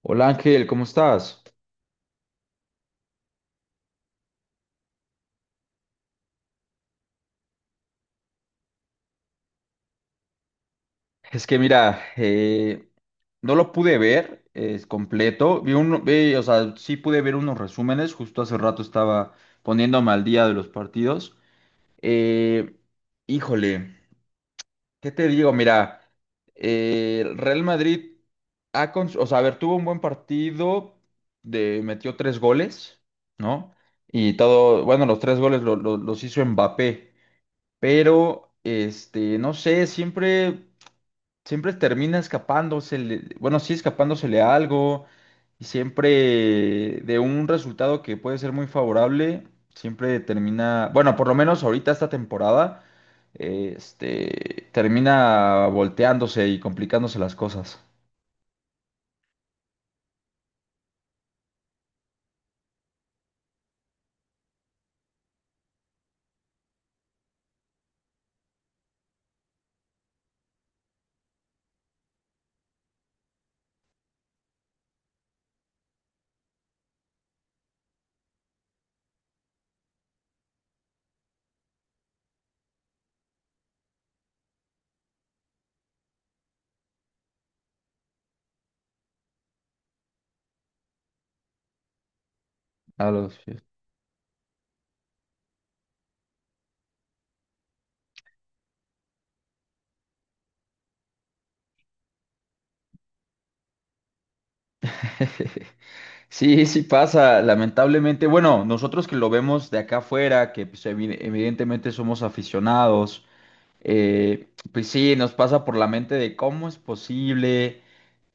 Hola Ángel, ¿cómo estás? Es que mira, no lo pude ver es completo. Vi uno, o sea, sí pude ver unos resúmenes. Justo hace rato estaba poniéndome al día de los partidos. Eh, Híjole, ¿qué te digo? Mira, el Real Madrid, o sea, a ver, tuvo un buen partido, metió tres goles, ¿no? Y todo, bueno, los tres goles los hizo Mbappé, pero no sé, siempre termina escapándosele, bueno, sí escapándosele a algo, y siempre de un resultado que puede ser muy favorable, siempre termina, bueno, por lo menos ahorita esta temporada, termina volteándose y complicándose las cosas. A los Chiefs. Sí, sí pasa, lamentablemente. Bueno, nosotros que lo vemos de acá afuera, que pues, evidentemente somos aficionados, pues sí, nos pasa por la mente de cómo es posible.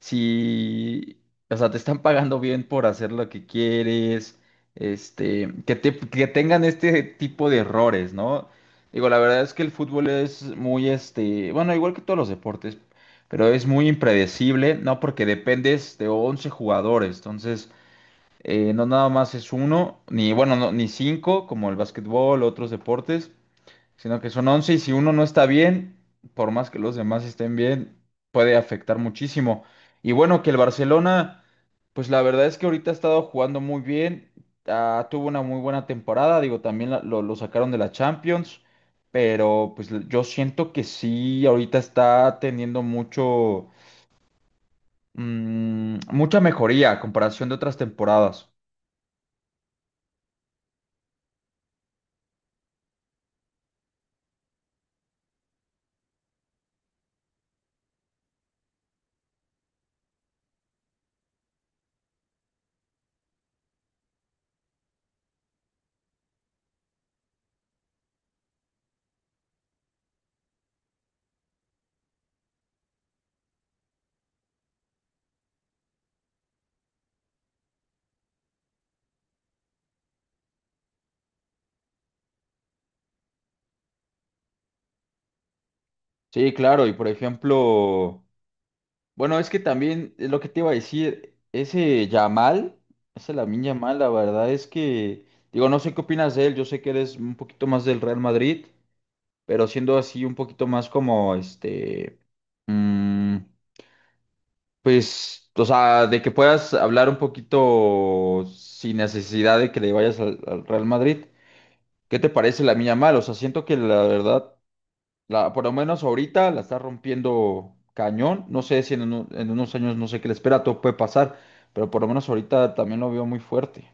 Si, o sea, te están pagando bien por hacer lo que quieres, que tengan este tipo de errores, ¿no? Digo, la verdad es que el fútbol es muy, bueno, igual que todos los deportes, pero es muy impredecible, ¿no? Porque dependes de 11 jugadores, entonces, no nada más es uno, ni, bueno, no, ni cinco, como el básquetbol, otros deportes, sino que son 11 y si uno no está bien, por más que los demás estén bien, puede afectar muchísimo. Y bueno, que el Barcelona, pues la verdad es que ahorita ha estado jugando muy bien, tuvo una muy buena temporada, digo, también lo sacaron de la Champions, pero pues yo siento que sí, ahorita está teniendo mucha mejoría a comparación de otras temporadas. Sí, claro, y por ejemplo. Bueno, es que también es lo que te iba a decir, ese Lamine Yamal, la verdad es que, digo, no sé qué opinas de él, yo sé que eres un poquito más del Real Madrid, pero siendo así un poquito más como, mm, pues, o sea, de que puedas hablar un poquito sin necesidad de que le vayas al Real Madrid, ¿qué te parece Lamine Yamal? O sea, siento que la verdad, por lo menos ahorita la está rompiendo cañón. No sé si en unos años no sé qué le espera, todo puede pasar, pero por lo menos ahorita también lo veo muy fuerte.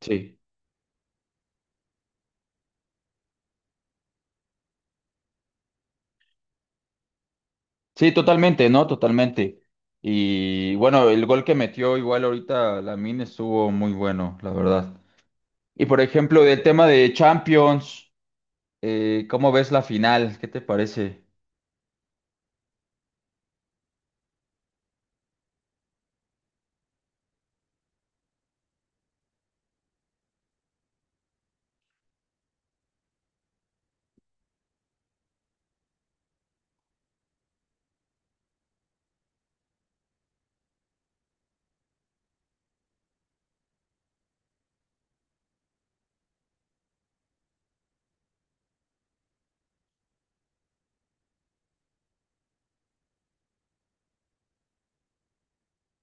Sí. Sí, totalmente, ¿no? Totalmente. Y bueno, el gol que metió igual ahorita Lamine estuvo muy bueno, la verdad. Y por ejemplo, del tema de Champions, ¿cómo ves la final? ¿Qué te parece?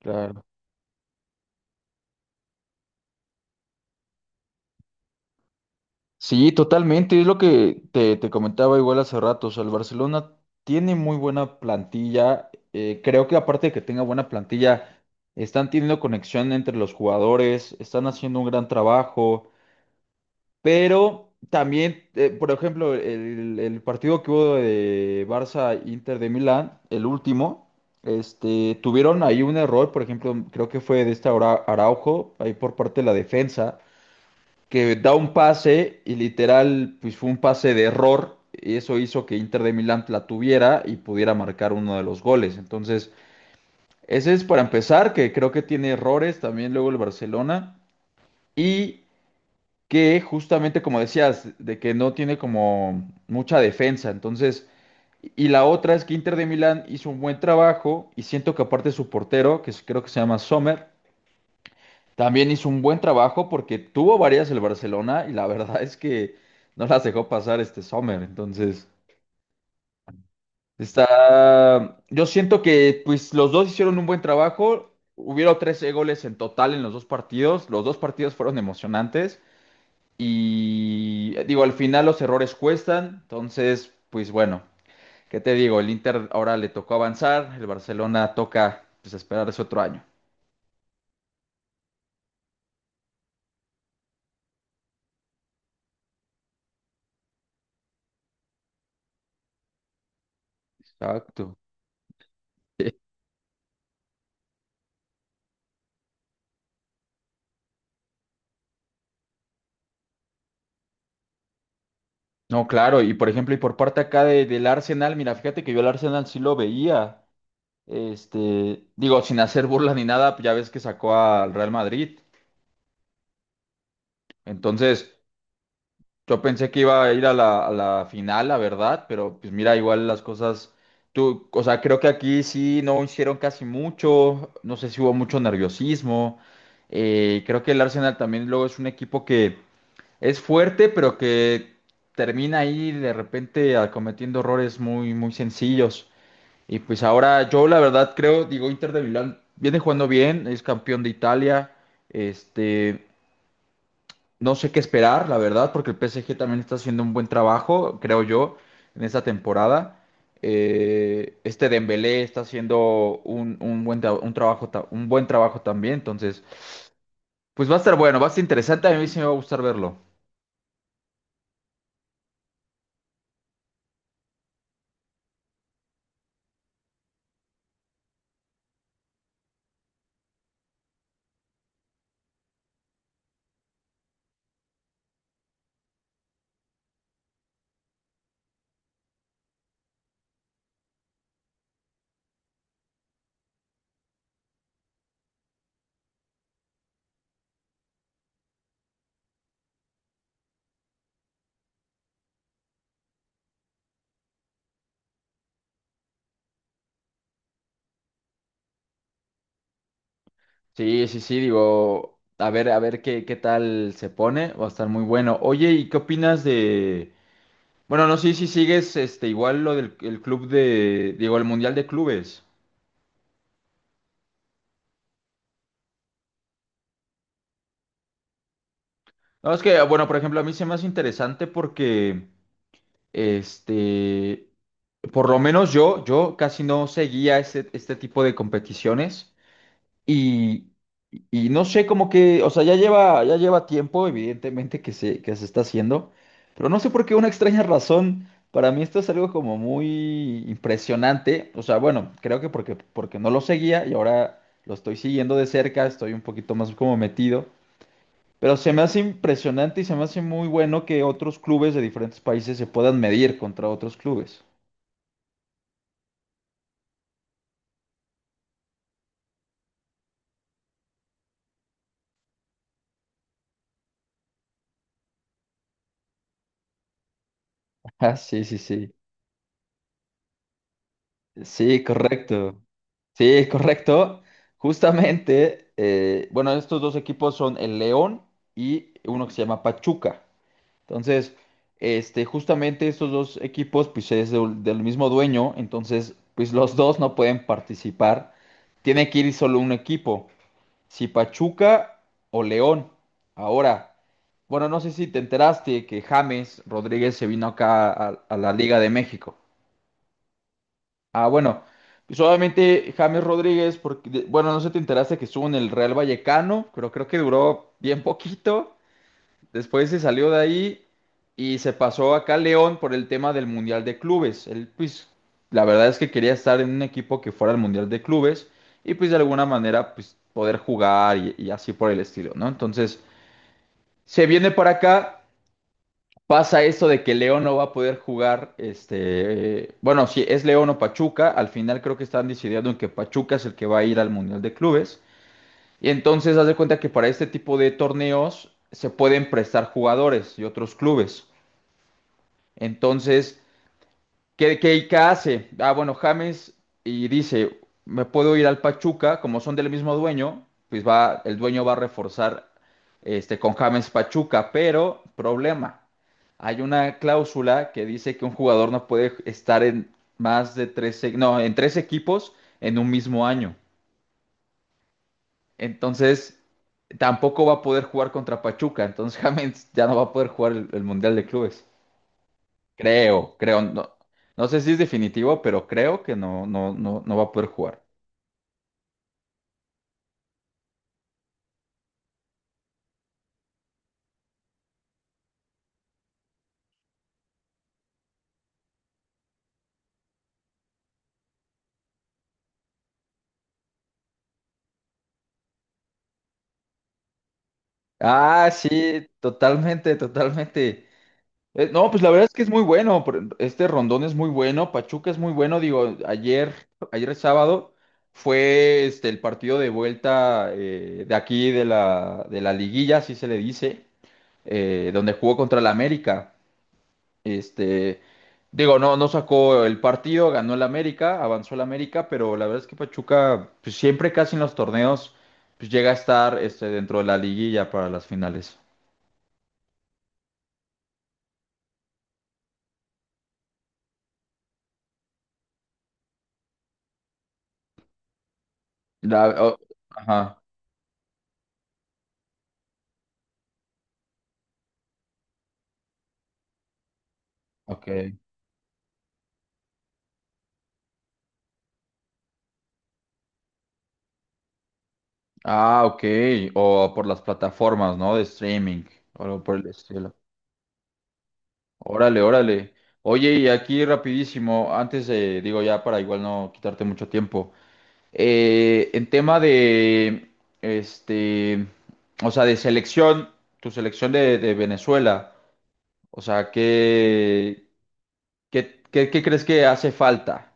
Claro. Sí, totalmente. Es lo que te comentaba igual hace rato. O sea, el Barcelona tiene muy buena plantilla. Creo que aparte de que tenga buena plantilla, están teniendo conexión entre los jugadores, están haciendo un gran trabajo. Pero también, por ejemplo, el partido que hubo de Barça-Inter de Milán, el último, tuvieron ahí un error. Por ejemplo, creo que fue de esta Araujo, ahí por parte de la defensa que da un pase y literal, pues fue un pase de error. Y eso hizo que Inter de Milán la tuviera y pudiera marcar uno de los goles. Entonces, ese es para empezar, que creo que tiene errores también luego el Barcelona. Y que justamente, como decías, de que no tiene como mucha defensa. Entonces, y la otra es que Inter de Milán hizo un buen trabajo y siento que aparte su portero, que creo que se llama Sommer, también hizo un buen trabajo porque tuvo varias el Barcelona y la verdad es que no las dejó pasar este Sommer. Entonces, está. Yo siento que pues los dos hicieron un buen trabajo. Hubieron 13 goles en total en los dos partidos. Los dos partidos fueron emocionantes. Y digo, al final los errores cuestan. Entonces, pues bueno, ¿qué te digo? El Inter ahora le tocó avanzar. El Barcelona toca pues esperar ese otro año. Exacto. No, claro, y por ejemplo, y por parte acá del Arsenal, mira, fíjate que yo el Arsenal sí lo veía, digo, sin hacer burla ni nada, ya ves que sacó al Real Madrid, entonces yo pensé que iba a ir a la final, la verdad, pero pues mira, igual las cosas, tú, o sea, creo que aquí sí no hicieron casi mucho, no sé si hubo mucho nerviosismo, creo que el Arsenal también luego es un equipo que es fuerte, pero que termina ahí de repente, cometiendo errores muy, muy sencillos. Y pues ahora yo la verdad creo, digo, Inter de Milán viene jugando bien, es campeón de Italia. Este, no sé qué esperar, la verdad, porque el PSG también está haciendo un buen trabajo, creo yo, en esta temporada. Este Dembélé está haciendo un buen, tra- un trabajo, ta- un buen trabajo también, entonces, pues va a estar bueno, va a estar interesante, a mí sí me va a gustar verlo. Sí, sí, sí, digo, a ver qué tal se pone, va a estar muy bueno. Oye, Bueno, no sé si sigues igual lo del el club digo, el Mundial de Clubes. No, es que, bueno, por ejemplo, a mí se me hace interesante porque, este, por lo menos yo casi no seguía este tipo de competiciones. Y no sé, como que, o sea, ya lleva tiempo, evidentemente, que se está haciendo, pero no sé por qué una extraña razón, para mí esto es algo como muy impresionante, o sea, bueno, creo que porque no lo seguía y ahora lo estoy siguiendo de cerca, estoy un poquito más como metido, pero se me hace impresionante y se me hace muy bueno que otros clubes de diferentes países se puedan medir contra otros clubes. Ah, sí, sí, sí. Sí, correcto. Sí, es correcto. Justamente, bueno, estos dos equipos son el León y uno que se llama Pachuca. Entonces, justamente estos dos equipos, pues es del mismo dueño, entonces, pues los dos no pueden participar. Tiene que ir solo un equipo, si Pachuca o León. Ahora, bueno, no sé si te enteraste que James Rodríguez se vino acá a la Liga de México. Ah, bueno, solamente James Rodríguez, porque, bueno, no sé si te enteraste que estuvo en el Real Vallecano, pero creo que duró bien poquito. Después se salió de ahí y se pasó acá a León por el tema del Mundial de Clubes. Él, pues, la verdad es que quería estar en un equipo que fuera el Mundial de Clubes y, pues, de alguna manera, pues, poder jugar y así por el estilo, ¿no? Entonces, se viene para acá. Pasa eso de que León no va a poder jugar, bueno, si es León o Pachuca, al final creo que están decidiendo en que Pachuca es el que va a ir al Mundial de Clubes. Y entonces haz de cuenta que para este tipo de torneos se pueden prestar jugadores y otros clubes. Entonces, ¿Qué hace? Ah, bueno, James y dice, me puedo ir al Pachuca, como son del mismo dueño, pues va, el dueño va a reforzar, con James Pachuca, pero problema, hay una cláusula que dice que un jugador no puede estar en más de tres, no, en tres equipos en un mismo año. Entonces, tampoco va a poder jugar contra Pachuca, entonces James ya no va a poder jugar el Mundial de Clubes. Creo, no, no sé si es definitivo, pero creo que no, no, no, no va a poder jugar. Ah, sí, totalmente, totalmente. No, pues la verdad es que es muy bueno. Este Rondón es muy bueno, Pachuca es muy bueno. Digo, ayer, ayer es sábado, fue el partido de vuelta, de aquí de la liguilla, así se le dice, donde jugó contra el América. Este, Digo, no, no sacó el partido, ganó el América, avanzó el América, pero la verdad es que Pachuca, pues, siempre casi en los torneos, pues llega a estar, dentro de la liguilla para las finales. La- o- ajá, ok. Ah, ok. O por las plataformas, ¿no? De streaming, o algo por el estilo. Órale, órale. Oye, y aquí rapidísimo, antes de, digo, ya para igual no quitarte mucho tiempo. En tema este, o sea, de selección, tu selección de Venezuela, o sea, ¿qué, qué crees que hace falta?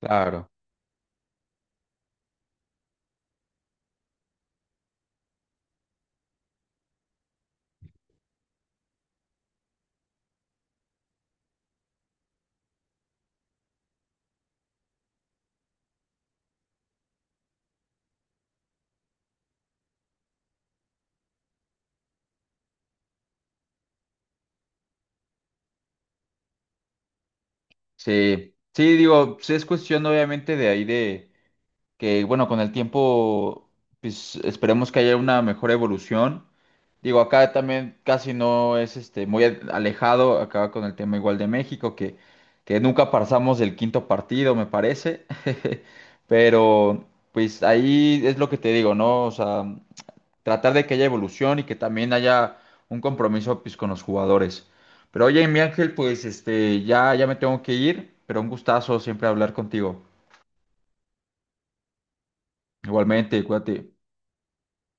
Claro. Sí, sí, digo, sí es cuestión obviamente de ahí de, que bueno, con el tiempo, pues esperemos que haya una mejor evolución. Digo, acá también casi no es muy alejado, acá con el tema igual de México, que nunca pasamos del quinto partido, me parece. Pero pues ahí es lo que te digo, ¿no? O sea, tratar de que haya evolución y que también haya un compromiso pues con los jugadores. Pero oye, mi Ángel, pues ya me tengo que ir, pero un gustazo siempre hablar contigo. Igualmente, cuídate.